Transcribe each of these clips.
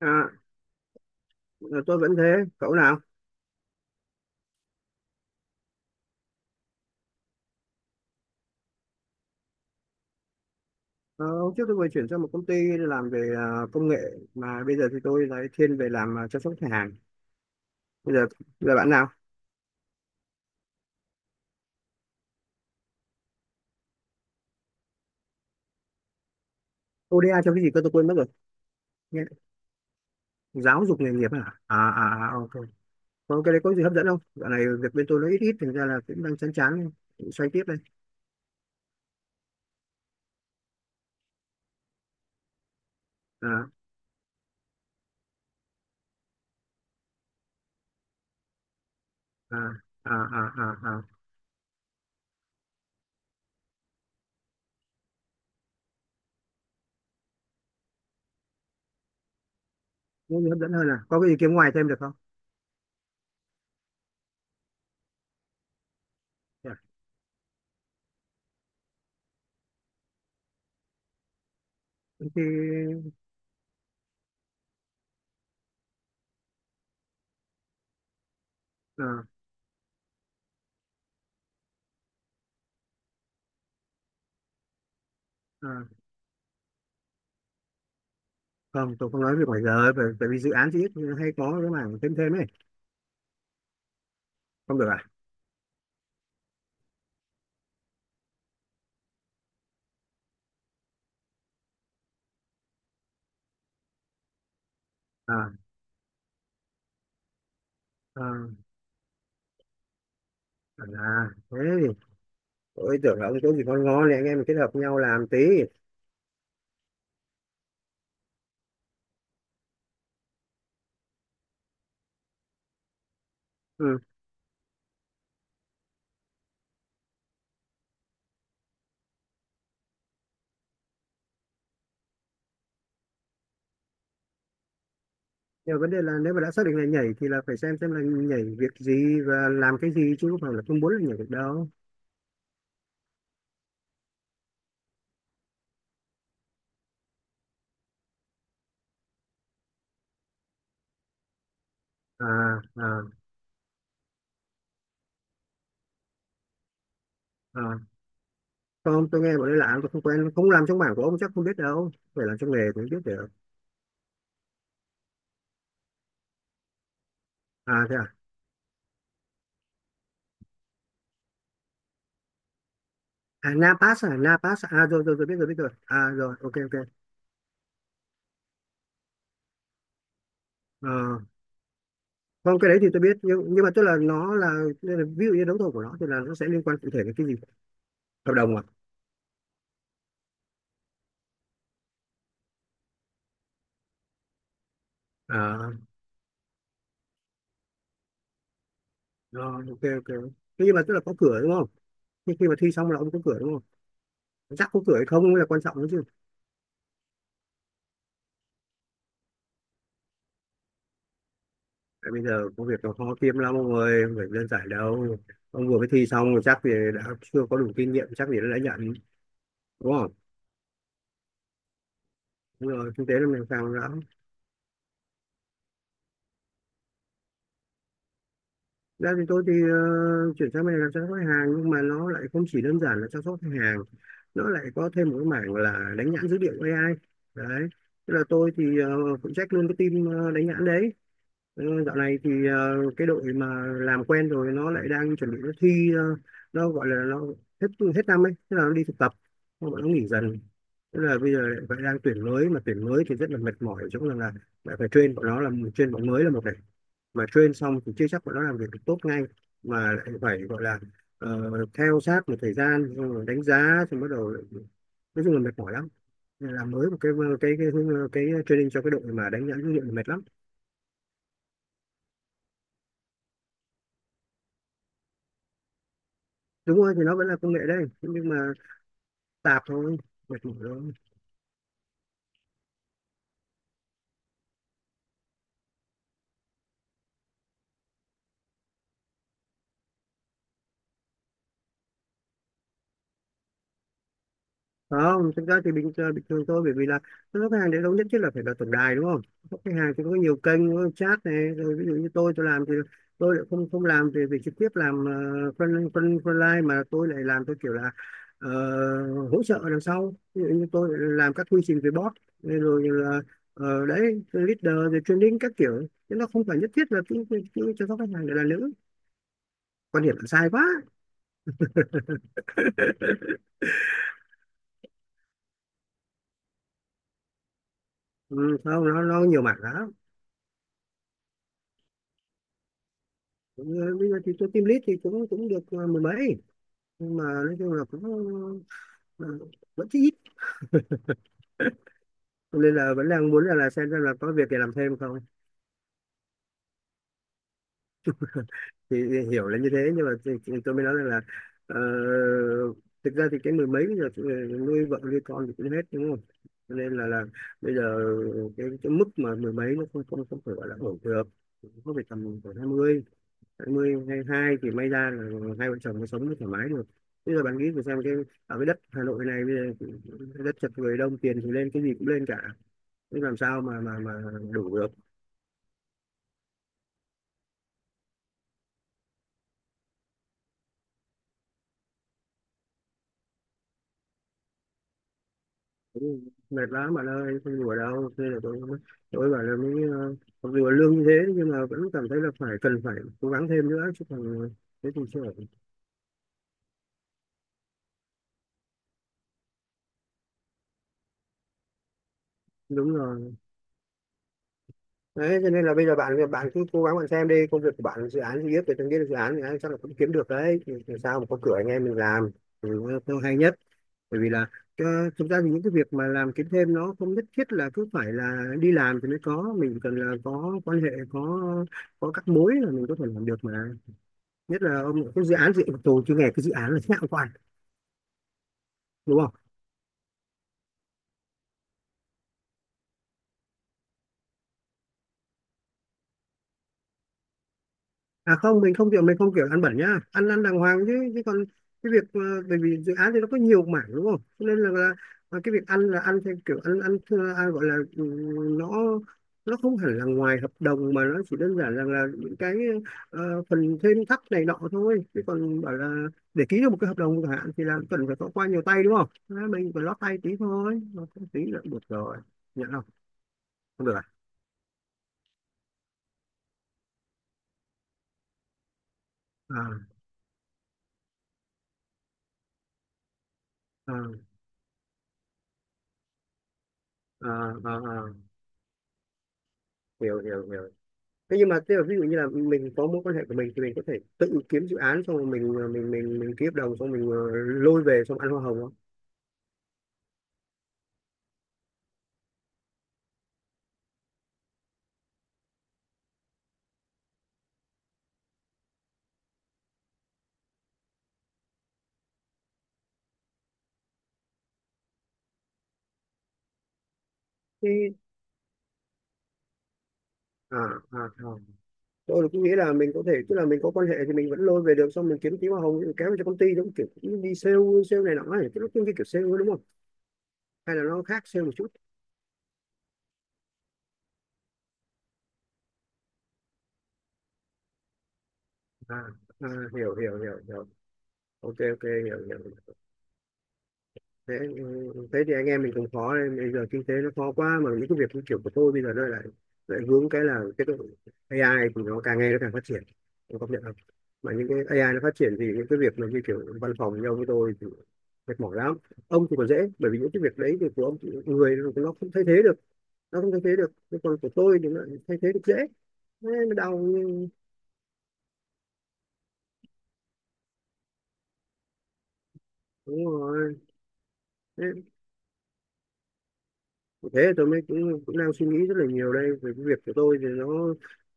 À, tôi vẫn thế, cậu nào? Ờ, hôm trước tôi vừa chuyển sang một công ty làm về công nghệ mà bây giờ thì tôi lại thiên về làm chăm sóc khách hàng. Bây giờ là bạn nào? ODA cho cái gì cơ tôi quên mất rồi. Nghe, giáo dục nghề nghiệp à? Ok. Có cái đấy có gì hấp dẫn không? Dạo này việc bên tôi nó ít ít, thành ra là cũng đang chán chán, xoay tiếp đây. À, à, à, à, à, à. Có gì hấp dẫn hơn à? Có cái gì kiếm ngoài thêm được không? Dạ. Thì, à, à. Không, tôi không nói việc ngoài giờ, bởi vì dự án thì ít hay có cái mảng thêm thêm ấy. Không được à? à, à, thế thì tôi tưởng là ông chỗ gì ngon ngon này anh em mình kết hợp nhau làm tí. Ừ, nhưng mà vấn đề là nếu mà đã xác định là nhảy thì là phải xem là nhảy việc gì và làm cái gì chứ không phải là không muốn là nhảy được đâu. à à à Không, tôi nghe bọn đây làm tôi không quen, không làm trong mảng của ông chắc không biết đâu, phải làm trong nghề thì mới biết được. À thế à. Napas, à rồi rồi rồi biết rồi, biết rồi à rồi ok ok. Ờ, không cái đấy thì tôi biết nhưng mà tức là nó là, ví dụ như đấu thầu của nó thì là nó sẽ liên quan cụ thể đến cái gì, hợp đồng à? À. Rồi, ok ok. Thế nhưng mà tức là có cửa đúng không? Nhưng khi mà thi xong là ông có cửa đúng không? Chắc có cửa hay không mới là quan trọng đấy chứ. Tại bây giờ công việc nó khó kiếm lắm ông ơi, không phải đơn giản đâu. Ông vừa mới thi xong rồi chắc thì đã chưa có đủ kinh nghiệm, chắc gì đã nhận, đúng không? Đúng rồi, kinh tế là mình càng lắm. Ra thì tôi thì chuyển sang bên này làm chăm sóc khách hàng nhưng mà nó lại không chỉ đơn giản là chăm sóc khách hàng. Nó lại có thêm một cái mảng là đánh nhãn dữ liệu AI. Đấy. Tức là tôi thì phụ trách luôn cái team đánh nhãn đấy. Ừ, dạo này thì cái đội mà làm quen rồi nó lại đang chuẩn bị nó thi nó gọi là nó hết hết năm ấy, thế là nó đi thực tập, bọn nó nghỉ dần. Thế là bây giờ lại phải đang tuyển mới mà tuyển mới thì rất là mệt mỏi ở chỗ rằng là lại phải train bọn nó làm, train bọn mới là một này, mà train xong thì chưa chắc bọn nó làm việc được tốt ngay mà lại phải gọi là ờ, theo sát một thời gian xong rồi đánh giá xong bắt đầu lại, nói chung là mệt mỏi lắm. Nên làm mới một cái cái cái, cái training cho cái đội mà đánh giá dữ liệu là mệt lắm. Đúng rồi thì nó vẫn là công nghệ đấy nhưng mà tạp thôi, mệt mỏi thôi. Không, thực ra thì bình bình thường thôi bởi vì là nó khách hàng đến đâu nhất thiết là phải là tổng đài đúng không. Các khách hàng thì có nhiều kênh có chat này, rồi ví dụ như tôi làm thì tôi lại không không làm về về trực tiếp làm front front frontline, mà tôi lại làm, tôi kiểu là ờ, hỗ trợ đằng sau, ví dụ như tôi lại làm các quy trình về bot rồi là đấy leader rồi training các kiểu, chứ nó không phải nhất thiết là cứ cứ- cứ chăm sóc khách hàng để là nữ. Quan điểm là sai quá. Ừ, không nó nó nhiều mặt lắm. Cũng bây giờ thì tôi team lead thì cũng cũng được mười mấy nhưng mà nói chung là cũng ờ, vẫn chưa ít. Cho nên là vẫn đang muốn là xem là có việc để làm thêm không. Thì hiểu là như thế nhưng mà thì tôi mới nói rằng là ờ, thực ra thì cái mười mấy bây giờ thì nuôi vợ nuôi con thì cũng hết đúng không, cho nên là bây giờ cái mức mà mười mấy nó không không không phải gọi là ổn được, nó phải tầm khoảng hai mươi, 20, hai hai thì may ra là hai vợ chồng mới sống thoải mái được. Bây giờ bạn nghĩ thử xem cái ở cái đất Hà Nội này bây giờ đất chật người đông tiền thì lên cái gì cũng lên cả. Thế làm sao mà đủ được. Mệt lắm bạn ơi, không đùa đâu. Thế là tôi bảo là mới mặc dù là lương như thế nhưng mà vẫn cảm thấy là phải cần phải cố gắng thêm nữa chứ còn thế thì chưa ổn. Đúng rồi. Đấy cho nên là bây giờ bạn bạn cứ cố gắng, bạn xem đi công việc của bạn dự án gì biết về từng cái dự án thì anh chắc là cũng kiếm được đấy, thì sao mà có cửa anh em mình làm thì nó hay nhất, bởi vì là ờ, thực ra thì những cái việc mà làm kiếm thêm nó không nhất thiết là cứ phải là đi làm thì mới có, mình chỉ cần là có quan hệ có các mối là mình có thể làm được mà. Nhất là ông cái dự án gì tổ chứ nghe cái dự án là thế nào quan, đúng không. À không, mình không kiểu ăn bẩn nhá, ăn ăn đàng hoàng chứ chứ còn cái việc bởi vì dự án thì nó có nhiều mảng đúng không? Cho nên là cái việc ăn là ăn theo kiểu ăn ăn, ăn gọi là nó không hẳn là ngoài hợp đồng mà nó chỉ đơn giản rằng là những cái phần thêm thắt này nọ thôi. Chứ còn bảo là để ký được một cái hợp đồng chẳng hạn thì là cần phải có qua nhiều tay đúng không? Thế mình phải lót tay tí thôi, lót tay tí là được rồi, nhận không? Không được à? À, à, à, à, à. Hiểu hiểu hiểu. Thế nhưng mà thế là ví dụ như là mình có mối quan hệ của mình thì mình có thể tự kiếm dự án xong rồi mình mình ký hợp đồng xong mình lôi về xong ăn hoa hồng không. Thế- à, à, à. Tôi cũng nghĩ là mình có thể tức là mình có quan hệ thì mình vẫn lôi về được xong mình kiếm tí hoa hồng mình kéo về cho công ty giống kiểu cũng đi sale, này nọ ấy, cái lúc cái kiểu sale ấy, đúng không, hay là nó khác sale một chút. à, à Hiểu hiểu hiểu hiểu, ok ok hiểu hiểu. Thế, ừ, thế thì anh em mình cũng khó nên bây giờ kinh tế nó khó quá mà những cái việc như kiểu của tôi bây giờ nó lại lại hướng cái là cái độ AI thì nó càng ngày nó càng phát triển. Em công nhận không, mà những cái AI nó phát triển thì những cái việc mà như kiểu văn phòng như ông với tôi thì mệt mỏi lắm. Ông thì còn dễ bởi vì những cái việc đấy thì của ông thì người nó không thay thế được, nó không thay thế được, nhưng còn của tôi thì nó lại thay thế được dễ. Thế mới đau. Đúng rồi, thế tôi mới cũng đang suy nghĩ rất là nhiều đây về cái việc của tôi thì nó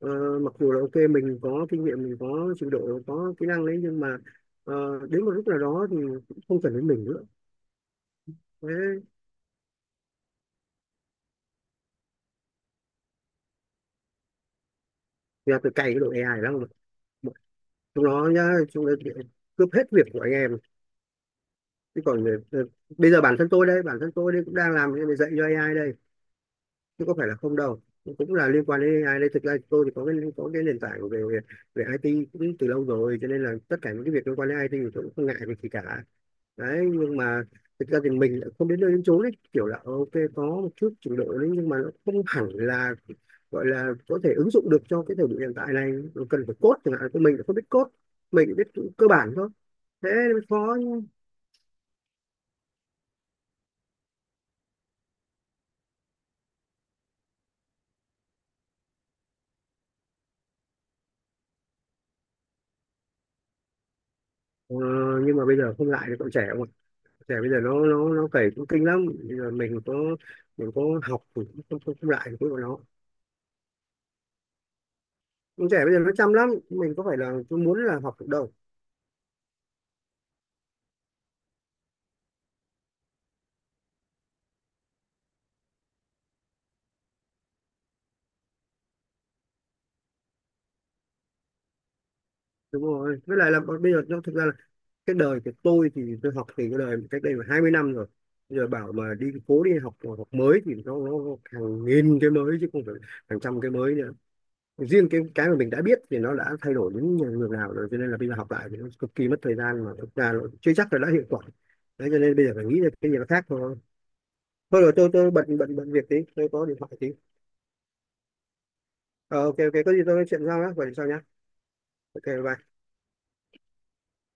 ờ, mặc dù là ok mình có kinh nghiệm mình có trình độ có kỹ năng đấy nhưng mà ờ, đến một lúc nào đó thì cũng không cần đến mình nữa. Thế thì là tôi cày cái đội AI lắm mà chúng nó nhá chúng nó cướp hết việc của anh em, chứ còn bây giờ bản thân tôi đây cũng đang làm cái này dạy cho AI đây chứ có phải là không đâu, cũng là liên quan đến AI đây. Thực ra tôi thì có cái nền tảng về về IT cũng từ lâu rồi cho nên là tất cả những cái việc liên quan đến IT thì tôi cũng không ngại việc gì cả. Đấy nhưng mà thực ra thì mình lại không đến nơi đến chốn ấy, kiểu là ok có một chút trình độ đấy nhưng mà nó không hẳn là gọi là có thể ứng dụng được cho cái thời điểm hiện tại này. Nó cần phải code chẳng hạn, của mình cũng không biết code, mình chỉ biết cơ bản thôi, thế mới khó chứ. Ờ, nhưng mà bây giờ không lại được, còn trẻ. Trẻ bây giờ nó cày cũng kinh lắm, bây giờ mình có học thì cũng không không, không lại được với bọn nó. Con trẻ bây giờ nó chăm lắm, mình có phải là tôi muốn là học được đâu. Đúng rồi với lại là bây giờ nó thực ra là cái đời của tôi thì tôi học thì cái đời cách đây là 20 năm rồi, bây giờ bảo mà đi cố đi học học mới thì nó hàng nghìn cái mới chứ không phải hàng trăm cái mới nữa, riêng cái mà mình đã biết thì nó đã thay đổi đến nhường nào rồi cho nên là bây giờ học lại thì nó cực kỳ mất thời gian mà thực ra nó chưa chắc là đã hiệu quả. Đấy cho nên bây giờ phải nghĩ ra cái gì nó khác thôi. Thôi rồi, tôi bận bận bận việc tí, tôi có điện thoại tí. Ờ, ok ok có gì tôi nói chuyện sau nhá, gọi điện sau nhá. Ok bye.